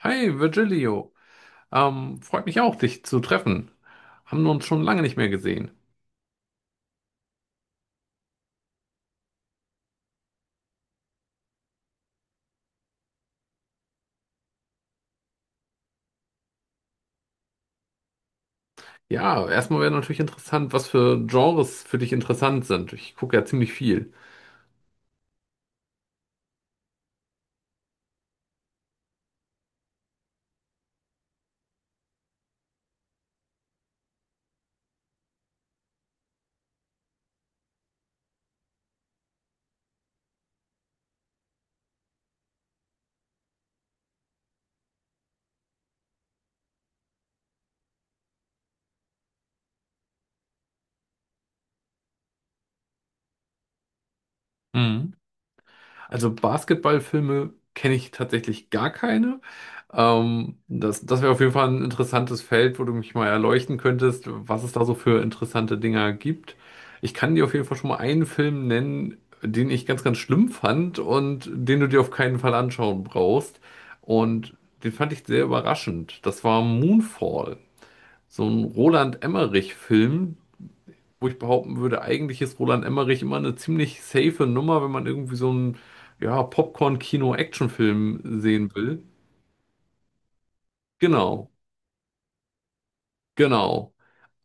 Hi Virgilio, freut mich auch, dich zu treffen. Haben wir uns schon lange nicht mehr gesehen. Ja, erstmal wäre natürlich interessant, was für Genres für dich interessant sind. Ich gucke ja ziemlich viel. Also Basketballfilme kenne ich tatsächlich gar keine. Das wäre auf jeden Fall ein interessantes Feld, wo du mich mal erleuchten könntest, was es da so für interessante Dinger gibt. Ich kann dir auf jeden Fall schon mal einen Film nennen, den ich ganz, ganz schlimm fand und den du dir auf keinen Fall anschauen brauchst. Und den fand ich sehr überraschend. Das war Moonfall, so ein Roland Emmerich-Film, wo ich behaupten würde, eigentlich ist Roland Emmerich immer eine ziemlich safe Nummer, wenn man irgendwie ja, Popcorn-Kino-Actionfilm sehen will. Genau, genau.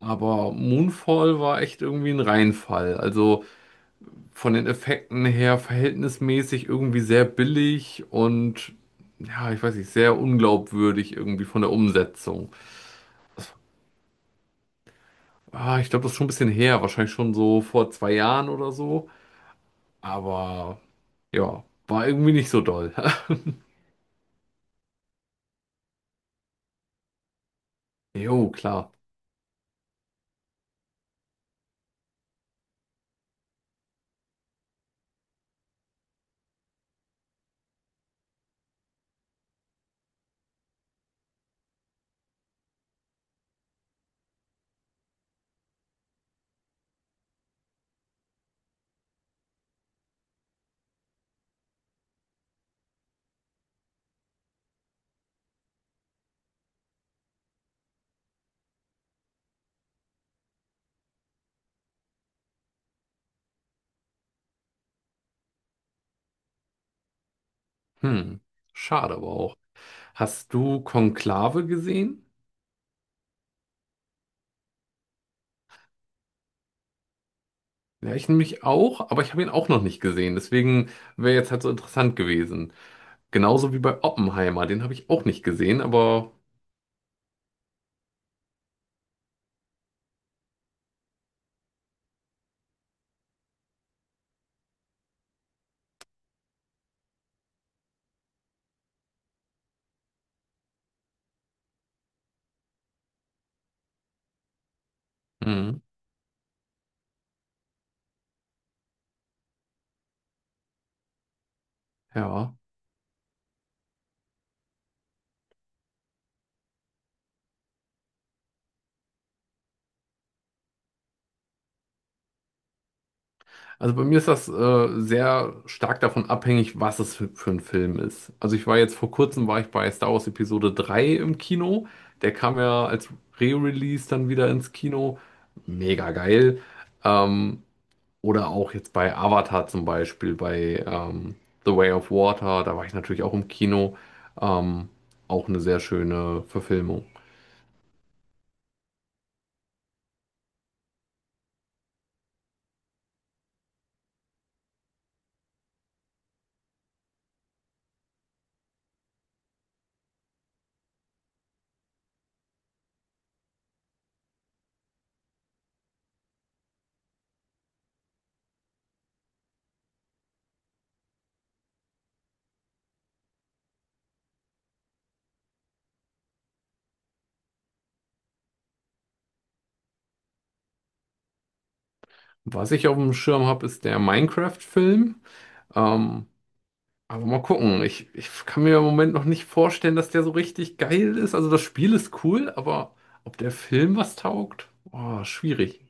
Aber Moonfall war echt irgendwie ein Reinfall. Also von den Effekten her verhältnismäßig irgendwie sehr billig und ja, ich weiß nicht, sehr unglaubwürdig irgendwie von der Umsetzung. Ah, ich glaube, das ist schon ein bisschen her, wahrscheinlich schon so vor 2 Jahren oder so. Aber ja, war irgendwie nicht so doll. Jo, klar. Hm, schade aber auch. Hast du Konklave gesehen? Ja, ich nämlich auch, aber ich habe ihn auch noch nicht gesehen. Deswegen wäre jetzt halt so interessant gewesen. Genauso wie bei Oppenheimer, den habe ich auch nicht gesehen, aber hm, ja. Also bei mir ist das sehr stark davon abhängig, was es für ein Film ist. Also ich war jetzt vor kurzem war ich bei Star Wars Episode 3 im Kino. Der kam ja als Re-Release dann wieder ins Kino. Mega geil. Ähm, Oder auch jetzt bei Avatar zum Beispiel, bei The Way of Water, da war ich natürlich auch im Kino. Ähm, auch eine sehr schöne Verfilmung. Was ich auf dem Schirm habe, ist der Minecraft-Film. Ähm, aber mal gucken. Ich kann mir im Moment noch nicht vorstellen, dass der so richtig geil ist. Also das Spiel ist cool, aber ob der Film was taugt? Oh, schwierig.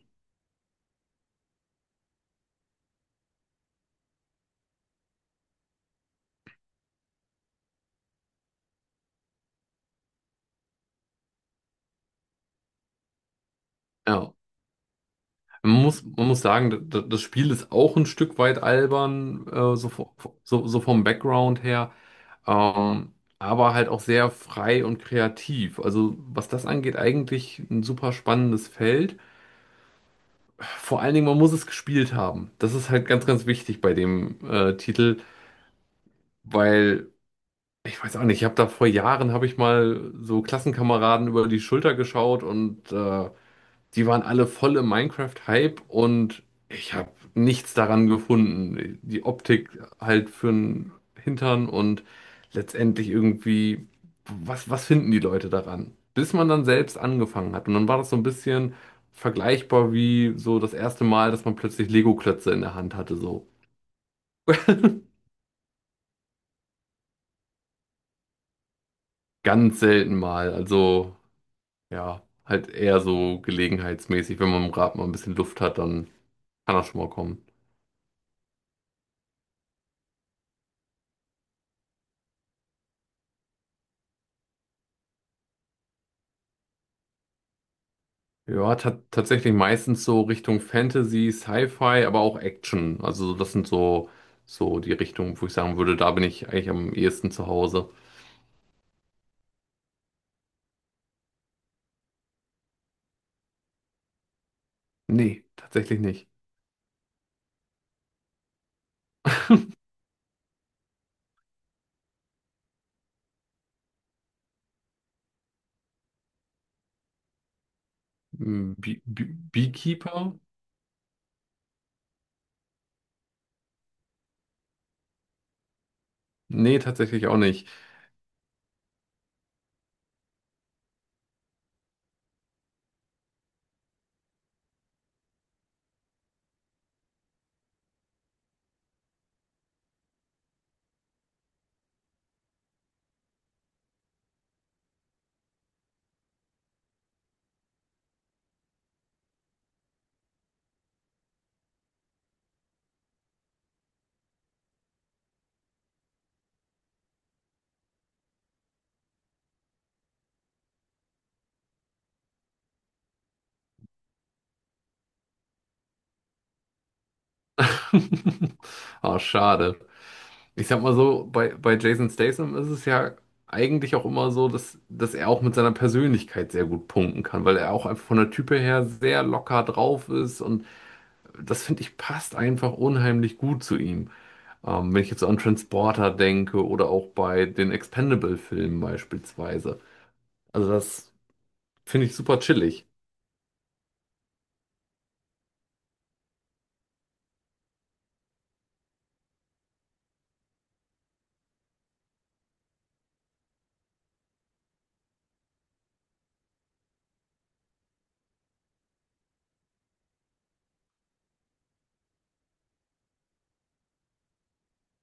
Ja. Man muss sagen, das Spiel ist auch ein Stück weit albern, so, so, so vom Background her, ähm, aber halt auch sehr frei und kreativ. Also was das angeht, eigentlich ein super spannendes Feld. Vor allen Dingen, man muss es gespielt haben. Das ist halt ganz, ganz wichtig bei dem Titel, weil ich weiß auch nicht, ich habe da vor Jahren, habe ich mal so Klassenkameraden über die Schulter geschaut und die waren alle voll im Minecraft-Hype und ich habe nichts daran gefunden. Die Optik halt für den Hintern und letztendlich irgendwie, was finden die Leute daran? Bis man dann selbst angefangen hat. Und dann war das so ein bisschen vergleichbar wie so das erste Mal, dass man plötzlich Lego-Klötze in der Hand hatte, so. Ganz selten mal. Also, ja, halt eher so gelegenheitsmäßig. Wenn man im Rad mal ein bisschen Luft hat, dann kann das schon mal kommen. Ja, ta tatsächlich meistens so Richtung Fantasy, Sci-Fi, aber auch Action. Also das sind so, so die Richtungen, wo ich sagen würde, da bin ich eigentlich am ehesten zu Hause. Nee, tatsächlich nicht. Hm, Bee Beekeeper? Nee, tatsächlich auch nicht. Ah, schade. Ich sag mal so, bei Jason Statham ist es ja eigentlich auch immer so, dass er auch mit seiner Persönlichkeit sehr gut punkten kann, weil er auch einfach von der Type her sehr locker drauf ist und das finde ich passt einfach unheimlich gut zu ihm. Wenn ich jetzt so an Transporter denke oder auch bei den Expendable-Filmen beispielsweise. Also das finde ich super chillig.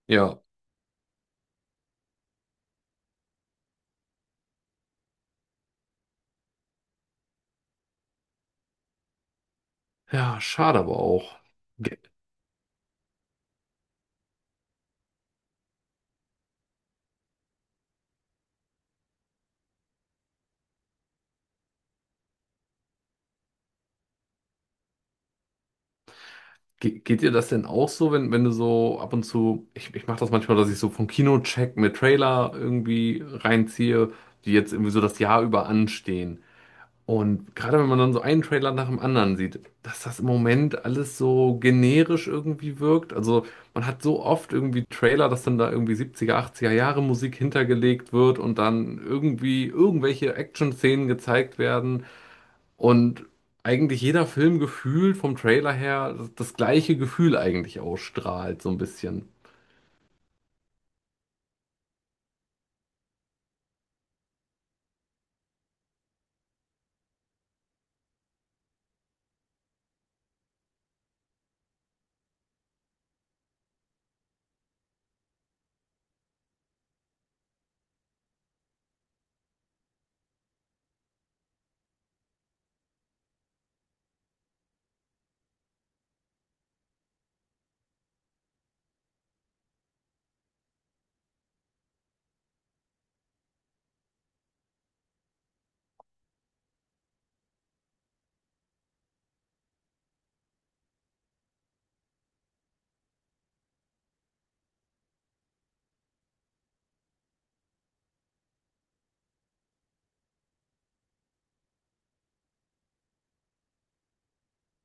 Ja, ja, schade aber auch. Ge ge geht dir das denn auch so, wenn du so ab und zu, ich mache das manchmal, dass ich so vom Kinocheck mit Trailer irgendwie reinziehe, die jetzt irgendwie so das Jahr über anstehen. Und gerade wenn man dann so einen Trailer nach dem anderen sieht, dass das im Moment alles so generisch irgendwie wirkt. Also man hat so oft irgendwie Trailer, dass dann da irgendwie 70er, 80er Jahre Musik hintergelegt wird und dann irgendwie irgendwelche Action-Szenen gezeigt werden. Und eigentlich jeder Film gefühlt vom Trailer her das gleiche Gefühl eigentlich ausstrahlt, so ein bisschen.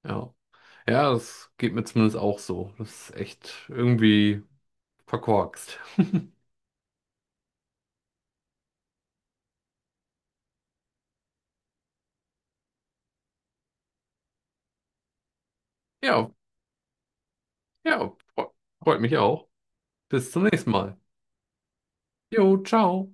Ja. Ja, das geht mir zumindest auch so. Das ist echt irgendwie verkorkst. Ja, Ja, fre- freut mich auch. Bis zum nächsten Mal. Jo, ciao.